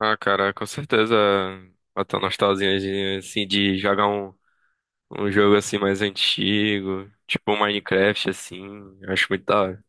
Ah, cara, com certeza bateu uma nostalgia assim de jogar um jogo assim mais antigo, tipo um Minecraft assim, eu acho muito da hora.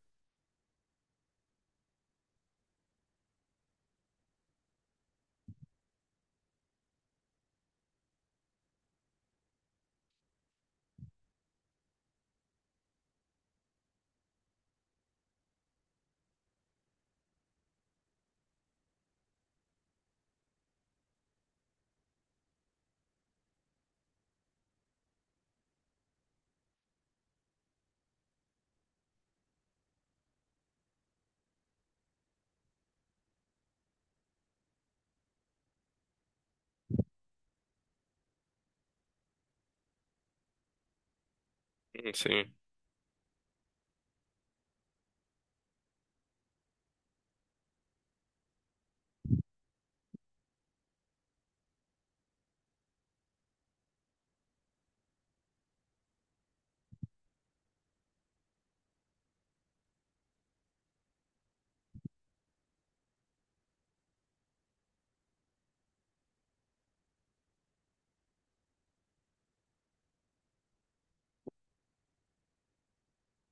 Sim.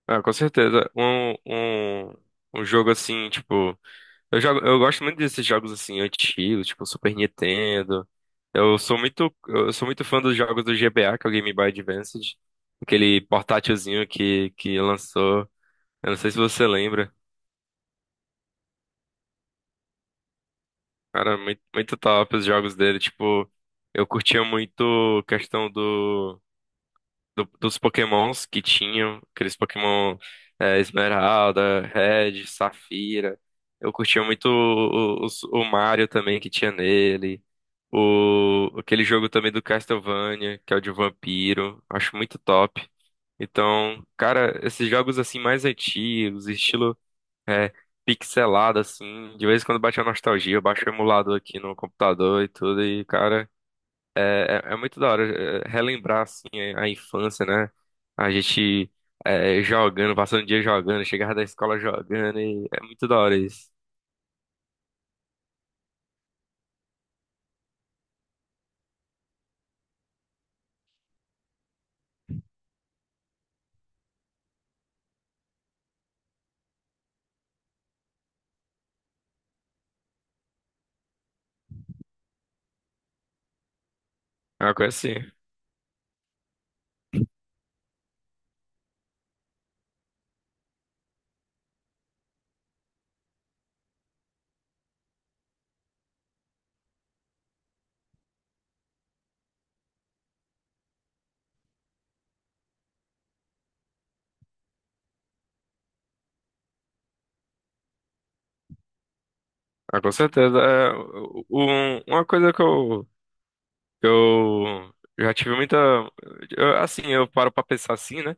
Ah, com certeza. Um jogo assim, tipo, eu gosto muito desses jogos assim antigos, tipo Super Nintendo. Eu sou muito fã dos jogos do GBA, que é o Game Boy Advance, aquele portátilzinho que lançou. Eu não sei se você lembra. Cara, muito, muito top os jogos dele. Tipo, eu curtia muito a questão dos Pokémons que tinham, aqueles Pokémon Esmeralda, Red, Safira. Eu curtia muito o Mario também que tinha nele. O, aquele jogo também do Castlevania, que é o de vampiro. Acho muito top. Então, cara, esses jogos assim mais antigos, estilo. É, pixelado, assim. De vez em quando bate a nostalgia, eu baixo o emulador aqui no computador e tudo. E, cara, é muito da hora relembrar, assim, a infância, né? A gente jogando, passando o dia jogando, chegava da escola jogando. E é muito da hora isso. É uma coisa assim. Ah, com certeza. Uma coisa que eu já tive muita. Eu, assim, eu paro pra pensar assim, né?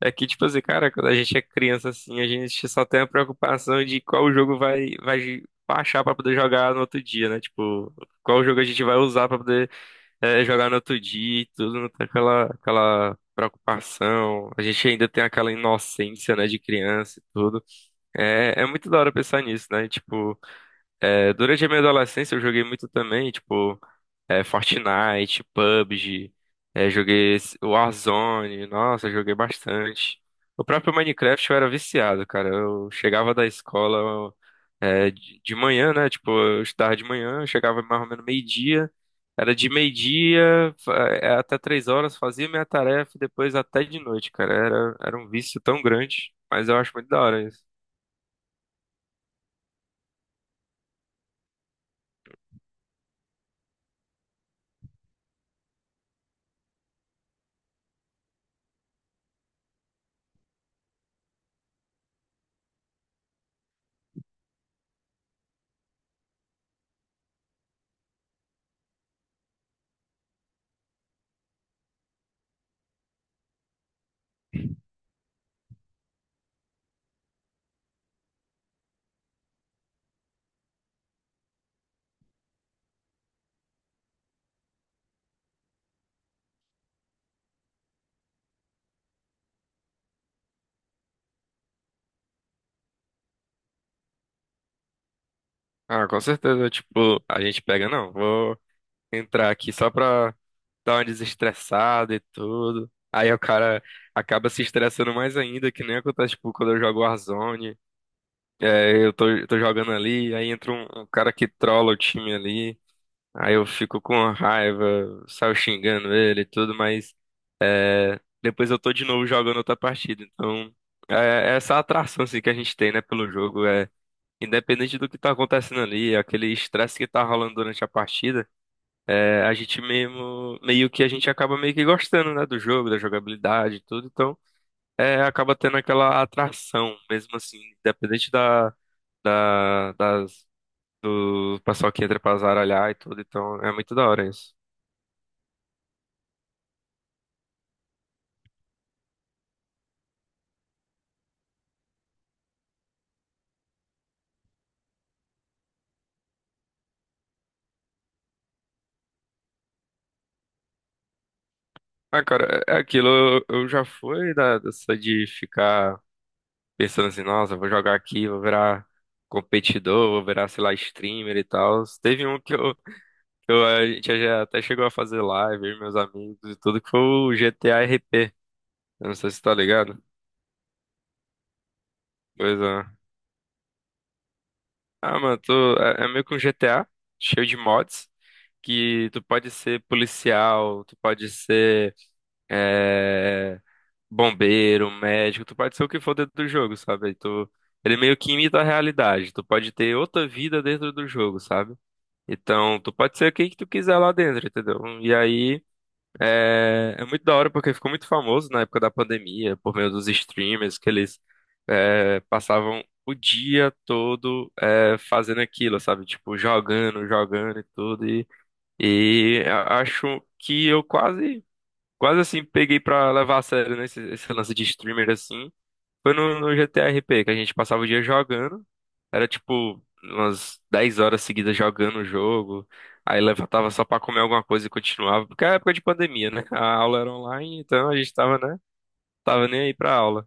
É que, tipo assim, cara, quando a gente é criança assim, a gente só tem a preocupação de qual jogo vai baixar pra poder jogar no outro dia, né? Tipo, qual jogo a gente vai usar pra poder jogar no outro dia e tudo, não tem aquela preocupação. A gente ainda tem aquela inocência, né, de criança e tudo. É, é muito da hora pensar nisso, né? Tipo, durante a minha adolescência eu joguei muito também, tipo. Fortnite, PUBG, Warzone, nossa, joguei bastante. O próprio Minecraft eu era viciado, cara. Eu chegava da escola de manhã, né? Tipo, eu estudava de manhã, eu chegava mais ou menos meio-dia. Era de meio-dia até 3 horas, fazia minha tarefa e depois até de noite, cara. Era, era um vício tão grande, mas eu acho muito da hora isso. Ah, com certeza, tipo, a gente pega, não, vou entrar aqui só pra dá uma desestressada e tudo. Aí o cara acaba se estressando mais ainda, que nem acontece, tipo, quando eu jogo Warzone. É, eu tô jogando ali, aí entra um cara que trola o time ali. Aí eu fico com raiva, saio xingando ele e tudo, mas depois eu tô de novo jogando outra partida. Então, é essa atração assim, que a gente tem, né, pelo jogo. É, independente do que tá acontecendo ali, aquele estresse que tá rolando durante a partida. É, a gente mesmo, meio que a gente acaba meio que gostando, né, do jogo, da jogabilidade e tudo, então acaba tendo aquela atração, mesmo assim, independente da, das, do pessoal que entra pra zaralhar e tudo, então é muito da hora isso. Ah, cara, é aquilo, eu já fui da, dessa de ficar pensando assim, nossa, eu vou jogar aqui, vou virar competidor, vou virar, sei lá, streamer e tal. Teve um que eu, a gente já até chegou a fazer live, eu e meus amigos e tudo, que foi o GTA RP. Eu não sei se tá ligado. Pois é. Ah, mano, tu, é meio que um GTA, cheio de mods, que tu pode ser policial, tu pode ser é, bombeiro, médico, tu pode ser o que for dentro do jogo, sabe? Tu, ele meio que imita a realidade, tu pode ter outra vida dentro do jogo, sabe? Então, tu pode ser quem que tu quiser lá dentro, entendeu? E aí. É, é muito da hora porque ficou muito famoso na época da pandemia, por meio dos streamers, que eles passavam o dia todo fazendo aquilo, sabe? Tipo, jogando, jogando e tudo. Acho que eu quase assim, peguei pra levar a sério, né, esse lance de streamer, assim. Foi no GTA RP que a gente passava o dia jogando. Era tipo umas 10 horas seguidas jogando o jogo. Aí levantava só pra comer alguma coisa e continuava. Porque era época de pandemia, né? A aula era online, então a gente tava, né? Tava nem aí pra aula.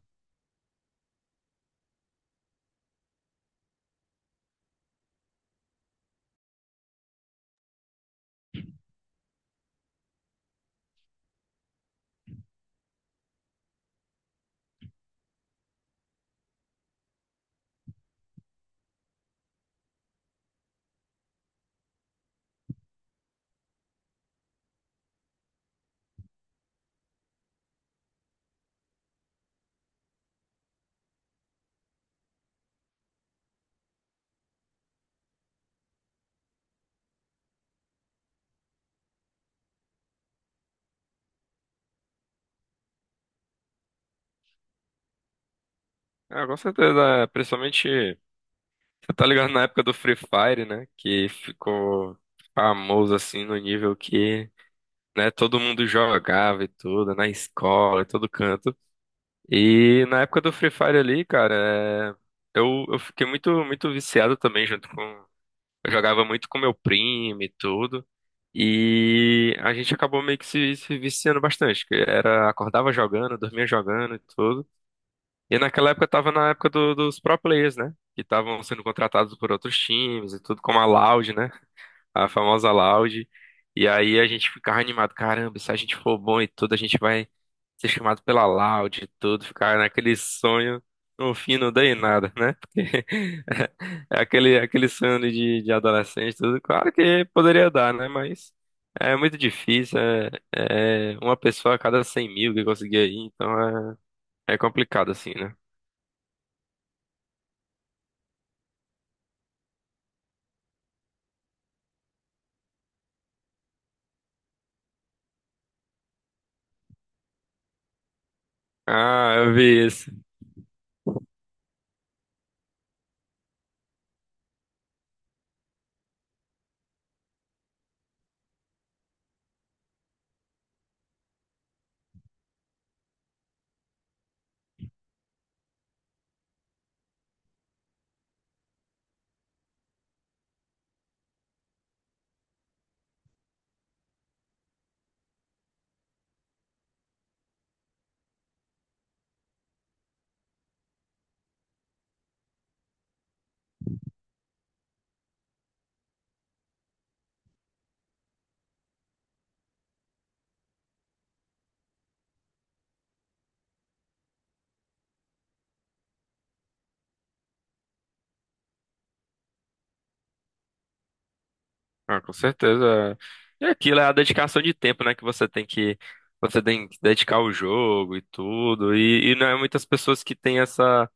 Ah, com certeza, é, principalmente, você tá ligado na época do Free Fire, né? Que ficou famoso assim no nível que, né, todo mundo jogava e tudo, na escola, em todo canto. E na época do Free Fire ali, cara, eu fiquei muito, muito viciado também junto com. Eu jogava muito com meu primo e tudo. E a gente acabou meio que se viciando bastante. Que era, acordava jogando, dormia jogando e tudo. E naquela época eu tava na época dos pro players, né? Que estavam sendo contratados por outros times e tudo, como a Loud, né? A famosa Loud. E aí a gente ficava animado, caramba, se a gente for bom e tudo, a gente vai ser chamado pela Loud e tudo, ficar naquele sonho. No fim não deu em nada, né? Porque é aquele, aquele sonho de adolescente, tudo. Claro que poderia dar, né? Mas é muito difícil. É, é uma pessoa a cada 100 mil que conseguia ir, então é, é complicado assim, né? Ah, eu vi isso. Ah, com certeza. E aquilo é a dedicação de tempo, né? Que você tem que dedicar ao jogo e tudo. E não é muitas pessoas que têm essa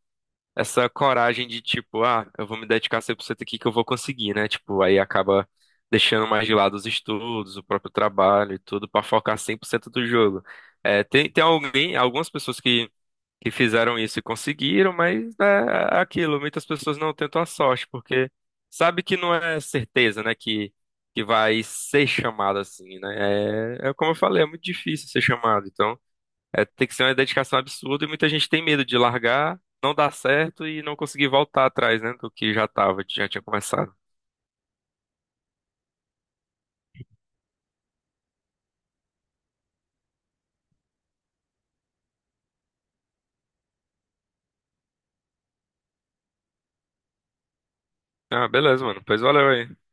essa coragem de tipo, ah, eu vou me dedicar 100% aqui que eu vou conseguir, né? Tipo, aí acaba deixando mais de lado os estudos, o próprio trabalho e tudo pra focar 100% do jogo. É, tem alguém, algumas pessoas que fizeram isso e conseguiram, mas né, é aquilo, muitas pessoas não tentam a sorte, porque sabe que não é certeza, né, que vai ser chamado assim, né? É, é como eu falei, é muito difícil ser chamado, então é, tem que ser uma dedicação absurda e muita gente tem medo de largar, não dar certo e não conseguir voltar atrás, né, do que já tava, já tinha começado. Ah, beleza, mano, pois valeu aí.